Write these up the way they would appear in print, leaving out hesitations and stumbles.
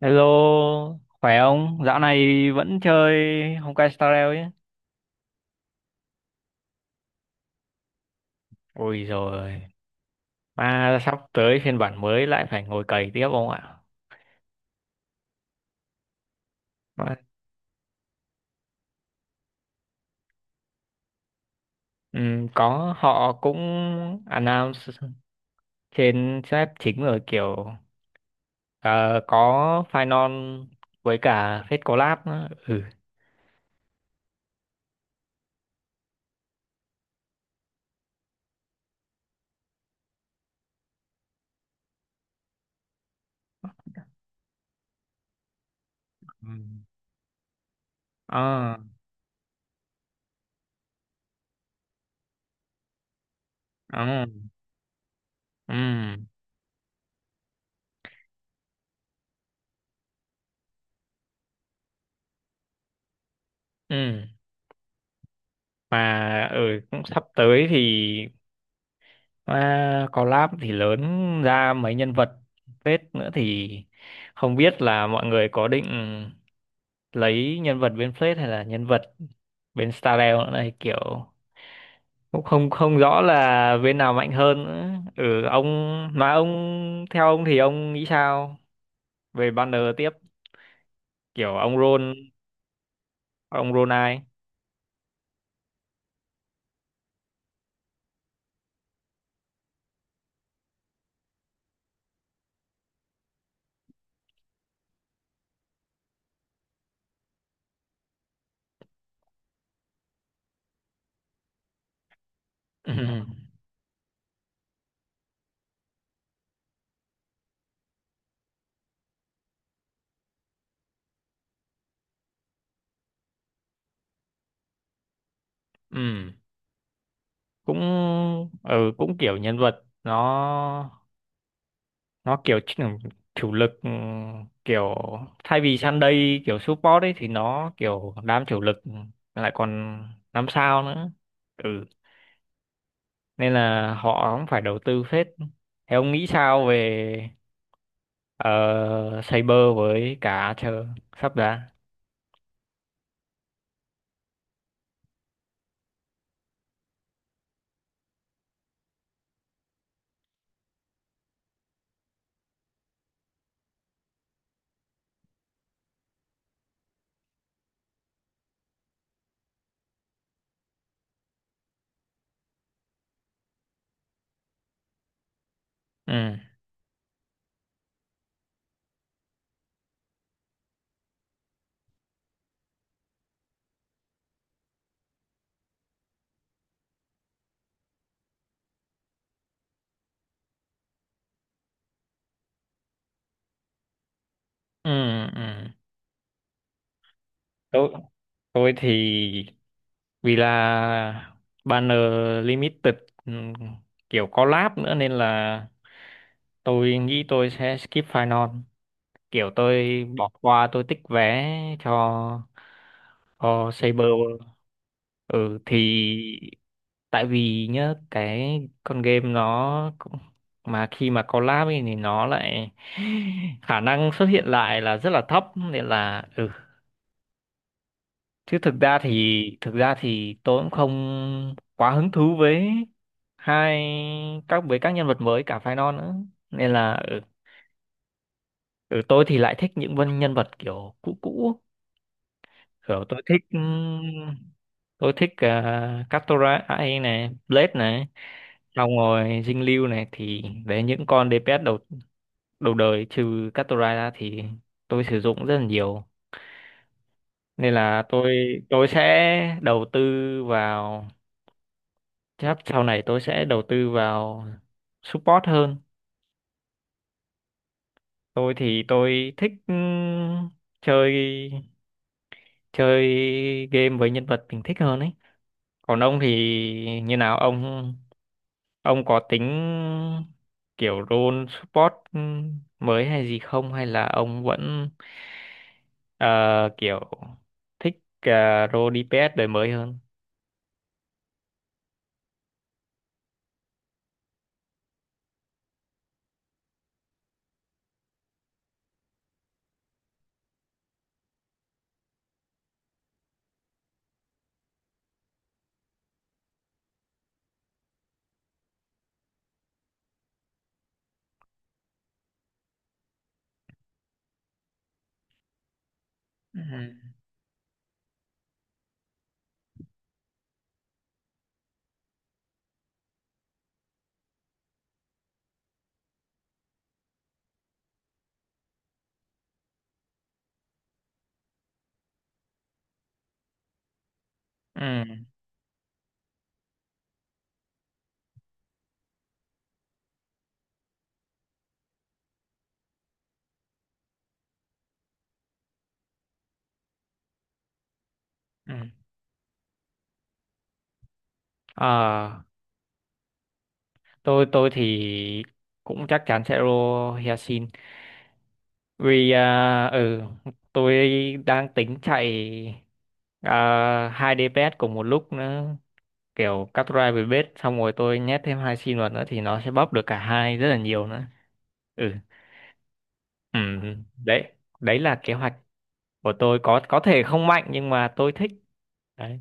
Hello, khỏe không? Dạo này vẫn chơi Honkai Star Rail chứ? Ôi rồi, mà sắp tới phiên bản mới lại phải ngồi cày tiếp không ạ? Mà, có họ cũng announce trên sếp chính rồi kiểu ờ, có Final với cả Fate Collab nữa. Ừ. Ừ. Ờ, ờ, ừm, ừm. Mà cũng sắp tới thì à, collab thì lớn ra mấy nhân vật phết nữa thì không biết là mọi người có định lấy nhân vật bên phết hay là nhân vật bên Starrel nữa này kiểu cũng không không rõ là bên nào mạnh hơn nữa. Ông mà ông theo ông thì ông nghĩ sao về banner tiếp kiểu ông Ron ai? Ừ. Cũng cũng kiểu nhân vật nó kiểu chỉ chủ lực kiểu thay vì Sunday kiểu support ấy thì nó kiểu đám chủ lực lại còn năm sao nữa, ừ, nên là họ cũng phải đầu tư phết. Thế ông nghĩ sao về Saber với cả chờ sắp ra? ừ ừ ừ Tôi thì vì là banner limited, ừm, kiểu collab nữa nên là tôi nghĩ tôi sẽ skip final. Kiểu tôi bỏ qua, tôi tích vé cho cho Saber. Ừ thì tại vì nhá cái con game nó mà khi mà collab ấy thì nó lại khả năng xuất hiện lại là rất là thấp nên là ừ, chứ thực ra thì tôi cũng không quá hứng thú với hai các với các nhân vật mới cả phái non nữa nên là ở, ở tôi thì lại thích những nhân vật kiểu cũ cũ kiểu tôi thích Katara ai này, Blade này, xong rồi Dinh Lưu này, thì đấy những con DPS đầu đầu đời trừ Katara ra thì tôi sử dụng rất là nhiều nên là tôi sẽ đầu tư vào, chắc sau này tôi sẽ đầu tư vào support hơn. Tôi thì tôi thích chơi chơi game với nhân vật mình thích hơn ấy. Còn ông thì như nào ông có tính kiểu role support mới hay gì không hay là ông vẫn ờ, kiểu thích role DPS đời mới hơn? Ừ. Ừ. Ừ. Ờ, tôi thì cũng chắc chắn sẽ roll Hyacinth. Vì tôi đang tính chạy à, hai đế bét cùng một lúc nữa, kiểu cắt drive với bết xong rồi tôi nhét thêm hai sim vào nữa thì nó sẽ bóp được cả hai rất là nhiều nữa. ừ ừ Đấy, đấy là kế hoạch của tôi, có thể không mạnh nhưng mà tôi thích. Đấy.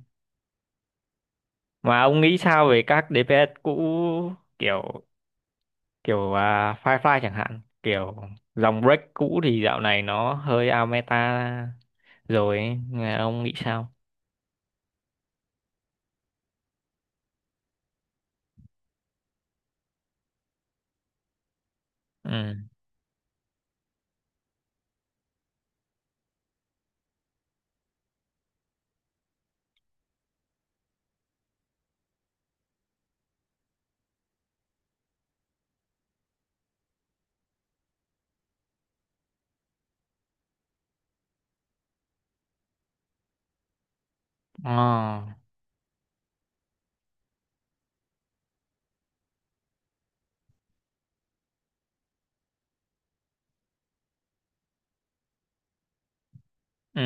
Mà ông nghĩ sao về các DPS cũ, kiểu kiểu à, Firefly chẳng hạn, kiểu dòng break cũ thì dạo này nó hơi out meta rồi ấy. Nghe ông nghĩ sao? ừ Ờ. ừ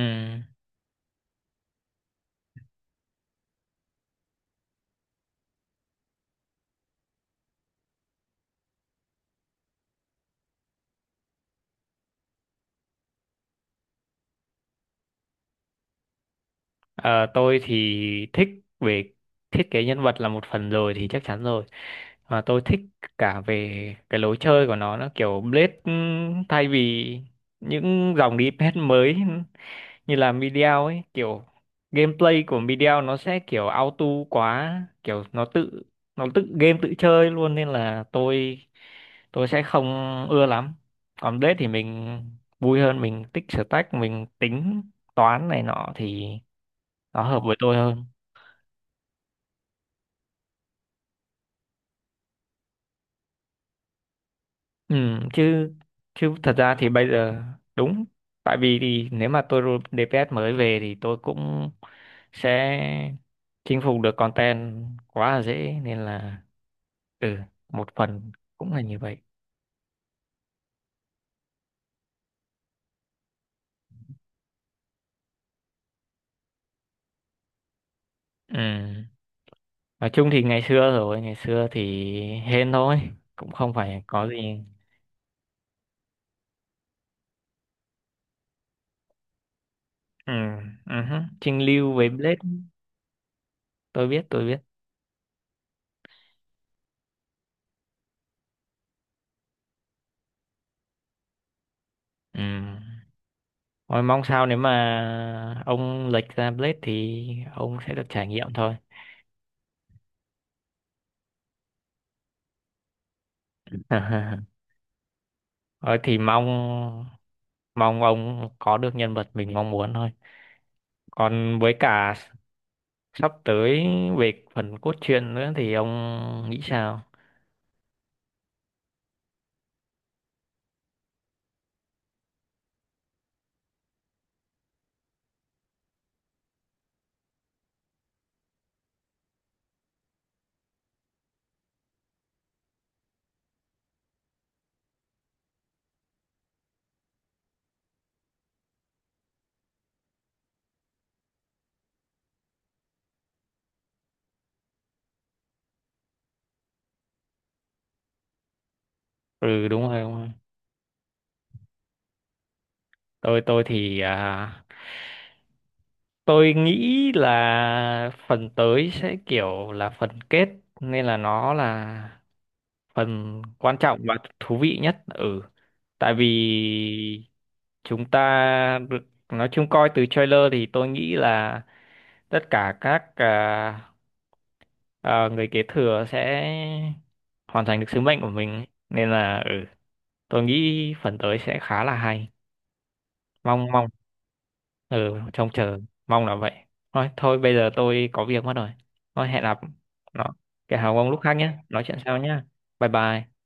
Ờ, tôi thì thích về thiết kế nhân vật là một phần rồi thì chắc chắn rồi, mà tôi thích cả về cái lối chơi của nó. Nó kiểu Blade, thay vì những dòng DPS mới như là Mediao ấy, kiểu gameplay của Mediao nó sẽ kiểu auto quá, kiểu nó tự game tự chơi luôn nên là tôi sẽ không ưa lắm. Còn Blade thì mình vui hơn, mình tích stack, mình tính toán này nọ thì nó hợp với tôi hơn. ừ, chứ chứ thật ra thì bây giờ đúng, tại vì thì nếu mà tôi roll DPS mới về thì tôi cũng sẽ chinh phục được content quá là dễ nên là ừ, một phần cũng là như vậy. Ừ, nói chung thì ngày xưa thì hên thôi, cũng không phải có gì. Ừ, uh, Trinh Lưu với Blade, tôi biết. Ừ. Thôi mong sao nếu mà ông lệch ra Blade thì ông sẽ được trải nghiệm thôi. Thôi thì mong mong ông có được nhân vật mình mong muốn thôi. Còn với cả sắp tới về phần cốt truyện nữa thì ông nghĩ sao? Ừ đúng rồi, tôi thì à, tôi nghĩ là phần tới sẽ kiểu là phần kết nên là nó là phần quan trọng và thú vị nhất. Ừ, tại vì chúng ta được nói chung coi từ trailer thì tôi nghĩ là tất cả các người kế thừa sẽ hoàn thành được sứ mệnh của mình nên là ừ, tôi nghĩ phần tới sẽ khá là hay. Mong mong Ừ, trông chờ, mong là vậy thôi. Thôi bây giờ tôi có việc mất rồi, thôi hẹn gặp nó cái hào ông lúc khác nhé, nói chuyện sau nhé. Bye bye.